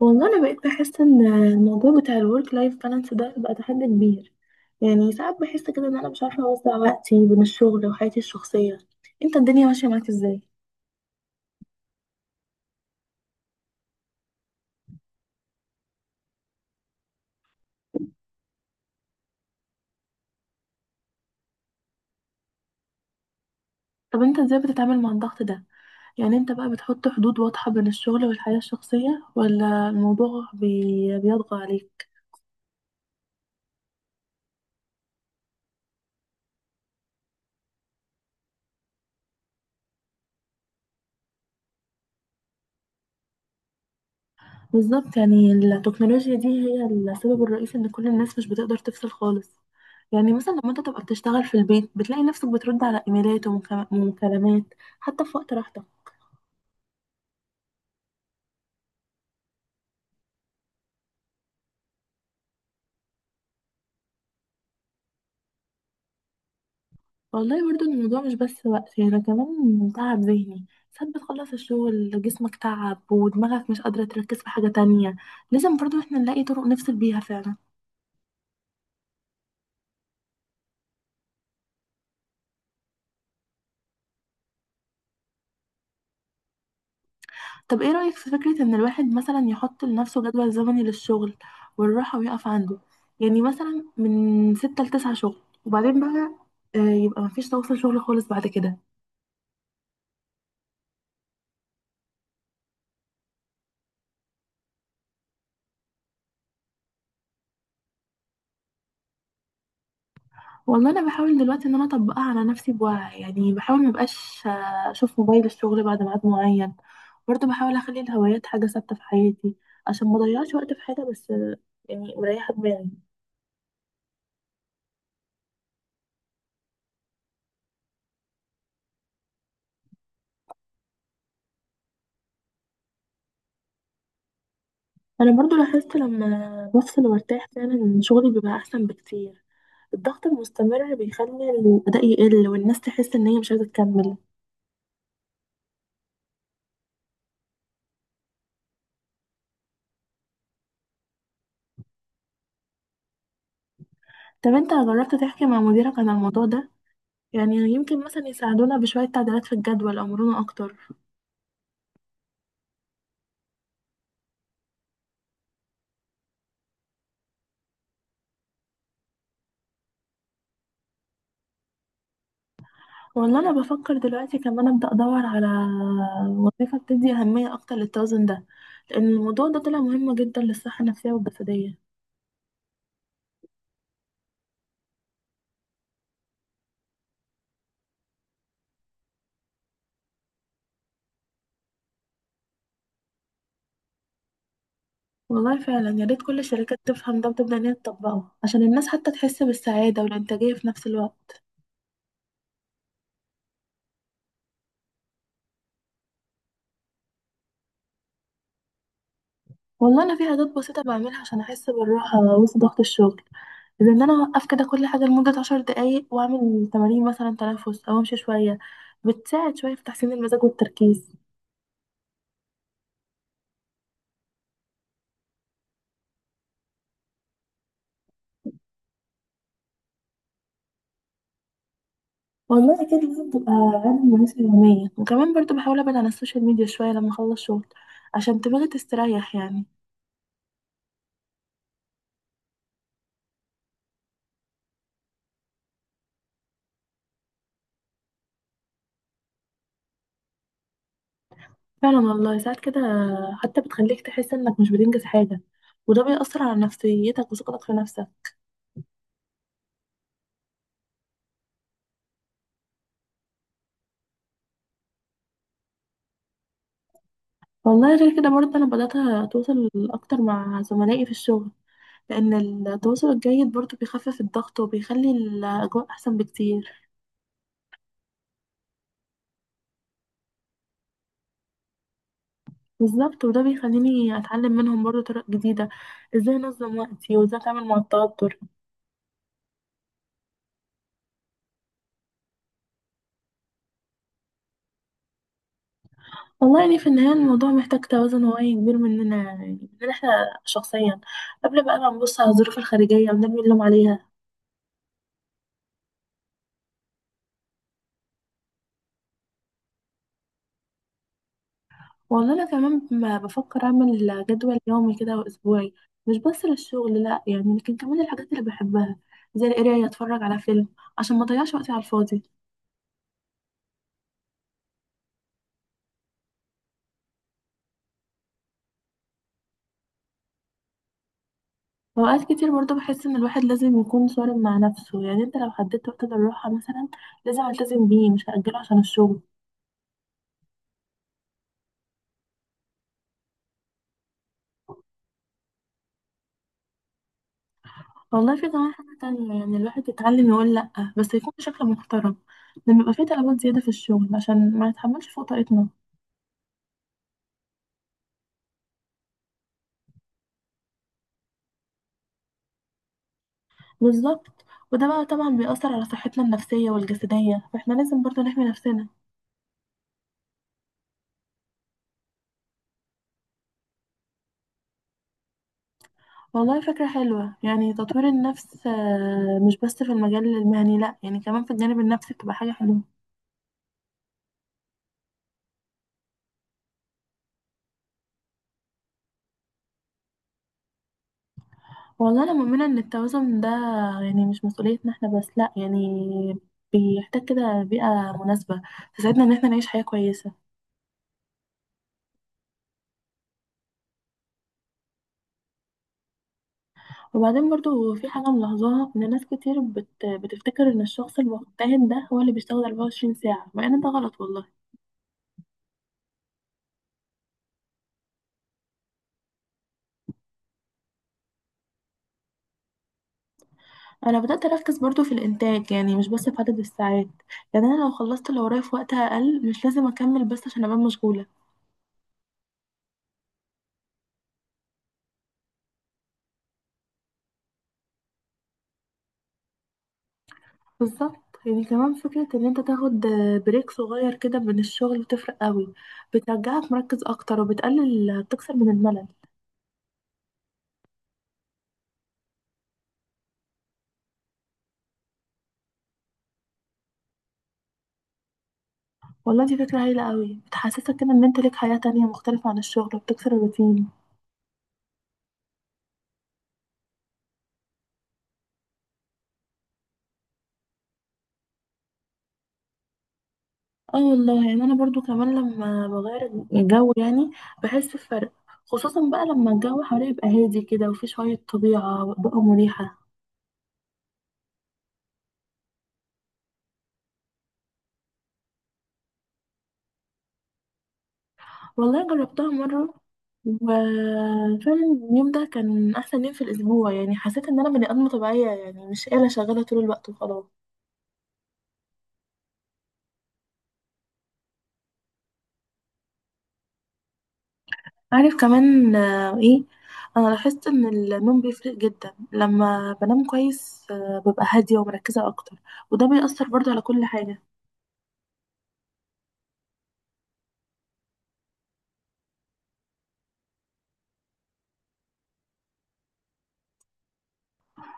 والله انا بقيت بحس ان الموضوع بتاع الورك لايف بالانس ده بقى تحدي كبير. يعني ساعات بحس كده ان انا مش عارفه اوزع وقتي بين الشغل وحياتي الشخصيه. انت الدنيا ماشيه معاك ازاي؟ طب انت ازاي بتتعامل مع الضغط ده؟ يعني انت بقى بتحط حدود واضحه بين الشغل والحياه الشخصيه ولا الموضوع بيطغى عليك؟ بالظبط، يعني التكنولوجيا دي هي السبب الرئيسي ان كل الناس مش بتقدر تفصل خالص. يعني مثلا لما انت تبقى بتشتغل في البيت بتلاقي نفسك بترد على ايميلات ومكالمات حتى في وقت راحتك. والله برضو الموضوع مش بس وقت، يعني ده كمان تعب ذهني. ساعات بتخلص الشغل جسمك تعب ودماغك مش قادرة تركز في حاجة تانية. لازم برضو احنا نلاقي طرق نفصل بيها فعلا. طب ايه رأيك في فكرة ان الواحد مثلا يحط لنفسه جدول زمني للشغل والراحة ويقف عنده؟ يعني مثلا من ستة لتسعة شغل، وبعدين بقى يبقى مفيش تواصل شغل خالص بعد كده. والله انا بحاول دلوقتي ان انا اطبقها على نفسي بوعي، يعني بحاول ما بقاش اشوف موبايل الشغل بعد ميعاد معين. برضه بحاول اخلي الهوايات حاجه ثابته في حياتي عشان ما اضيعش وقت في حاجه، بس يعني مريحه دماغي. انا برضه لاحظت لما بفصل وارتاح فعلا إن شغلي بيبقى احسن بكتير. الضغط المستمر بيخلي الاداء يقل والناس تحس ان هي مش عايزه تكمل. طب انت جربت تحكي مع مديرك عن الموضوع ده؟ يعني يمكن مثلا يساعدونا بشويه تعديلات في الجدول او مرونة اكتر. والله انا بفكر دلوقتي كمان ابدا ادور على وظيفه بتدي اهميه اكتر للتوازن ده، لان الموضوع ده طلع مهم جدا للصحه النفسيه والجسديه. والله فعلا يا ريت كل الشركات تفهم ده وتبدا ان هي تطبقه عشان الناس حتى تحس بالسعاده والانتاجيه في نفس الوقت. والله انا في عادات بسيطه بعملها عشان احس بالراحه وسط ضغط الشغل، زي ان انا اوقف كده كل حاجه لمده عشر دقايق واعمل تمارين مثلا تنفس او امشي شويه، بتساعد شويه في تحسين المزاج والتركيز. والله أكيد لازم تبقى عامل مناسبة يومية، وكمان برضو بحاول أبعد عن السوشيال ميديا شوية لما أخلص شغل عشان دماغي تستريح يعني. فعلا والله ساعات كده حتى بتخليك تحس إنك مش بتنجز حاجة، وده بيأثر على نفسيتك وثقتك في نفسك. والله غير كده برضه أنا بدأت أتواصل أكتر مع زملائي في الشغل، لأن التواصل الجيد برضه بيخفف الضغط وبيخلي الأجواء أحسن بكتير. بالظبط، وده بيخليني أتعلم منهم برضه طرق جديدة، إزاي أنظم وقتي وإزاي أتعامل مع التوتر. والله يعني في النهاية الموضوع محتاج توازن واعي كبير مننا، يعني مننا احنا شخصيا، قبل بقى ما نبص على الظروف الخارجية ونرمي اللوم عليها. والله أنا كمان ما بفكر أعمل جدول يومي كده وأسبوعي، مش بس للشغل لأ، يعني لكن كمان الحاجات اللي بحبها زي القراية أتفرج على فيلم، عشان ما أضيعش وقتي على الفاضي. وأوقات كتير برضه بحس إن الواحد لازم يكون صارم مع نفسه، يعني أنت لو حددت وقت للراحة مثلا لازم ألتزم بيه مش هأجله عشان الشغل. والله في كمان حاجة تانية، يعني الواحد يتعلم يقول لأ بس يكون بشكل محترم، لما يبقى في طلبات زيادة في الشغل عشان ما نتحملش فوق طاقتنا. بالظبط، وده بقى طبعا بيأثر على صحتنا النفسية والجسدية، فاحنا لازم برضو نحمي نفسنا. والله فكرة حلوة يعني تطوير النفس، مش بس في المجال المهني لأ، يعني كمان في الجانب النفسي بتبقى حاجة حلوة. والله أنا مؤمنة إن التوازن ده يعني مش مسؤوليتنا احنا بس لأ، يعني بيحتاج كده بيئة مناسبة تساعدنا إن احنا نعيش حياة كويسة. وبعدين برضو في حاجة ملاحظاها إن ناس كتير بتفتكر إن الشخص المجتهد ده هو اللي بيشتغل 24 ساعة، مع إن ده غلط والله. أنا بدأت أركز برضو في الإنتاج، يعني مش بس في عدد الساعات. يعني أنا لو خلصت اللي ورايا في وقت أقل مش لازم أكمل بس عشان أبقى مشغولة. بالظبط، يعني كمان فكرة إن أنت تاخد بريك صغير كده من الشغل بتفرق قوي، بترجعك مركز أكتر وبتقلل بتكسر من الملل. والله دي فكرة هايلة قوي، بتحسسك كده إن أنت ليك حياة تانية مختلفة عن الشغل وبتكسر الروتين. اه والله يعني انا برضو كمان لما بغير الجو يعني بحس بفرق، خصوصا بقى لما الجو حواليا يبقى هادي كده وفي شوية طبيعة بقى مريحة. والله جربتها مرة، وفعلا اليوم ده كان احسن يوم في الاسبوع، يعني حسيت ان انا بني ادمة طبيعية يعني مش آلة شغالة طول الوقت وخلاص. عارف كمان ايه، انا لاحظت ان النوم بيفرق جدا. لما بنام كويس ببقى هادية ومركزة اكتر، وده بيأثر برضو على كل حاجة.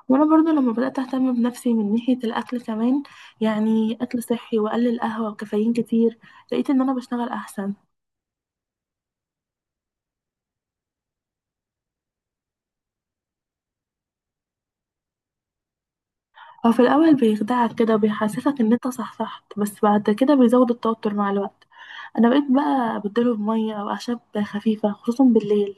وانا برضو لما بدات اهتم بنفسي من ناحيه الاكل كمان، يعني اكل صحي واقلل قهوه وكافيين كتير، لقيت ان انا بشتغل احسن. هو في الاول بيخدعك كده وبيحسسك ان انت صحصحت، بس بعد كده بيزود التوتر مع الوقت. انا بقيت بقى ابدله بميه او اعشاب خفيفه خصوصا بالليل.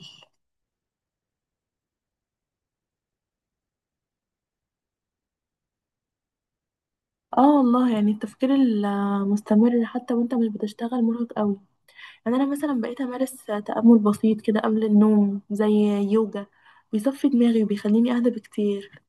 اه والله يعني التفكير المستمر حتى وانت مش بتشتغل مرهق قوي. يعني انا مثلا بقيت امارس تامل بسيط كده قبل النوم زي يوجا، بيصفي دماغي وبيخليني اهدى بكتير.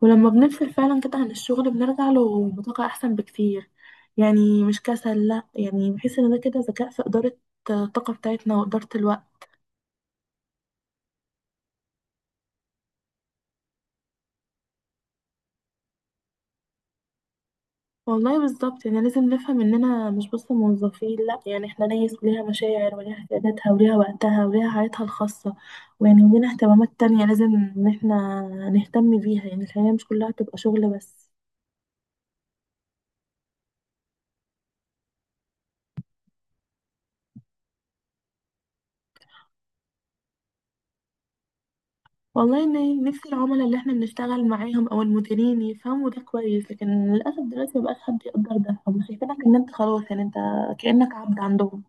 ولما بنفصل فعلا كده عن الشغل بنرجع له بطاقة أحسن بكتير. يعني مش كسل لأ، يعني بحس إن ده كده ذكاء في إدارة الطاقة بتاعتنا وإدارة الوقت. والله بالظبط، يعني لازم نفهم إننا مش بس موظفين لأ، يعني إحنا ناس وليها مشاعر وليها احتياجاتها وليها وقتها وليها حياتها الخاصة، ويعني ولينا اهتمامات تانية لازم إن إحنا نهتم بيها. يعني الحياة مش كلها تبقى شغل بس. والله إن نفسي العملاء اللي إحنا بنشتغل معاهم أو المديرين يفهموا ده كويس، لكن للأسف دلوقتي مبقاش حد يقدر ده، هم شايفينك إن أنت خلاص، يعني أنت كأنك عبد عندهم.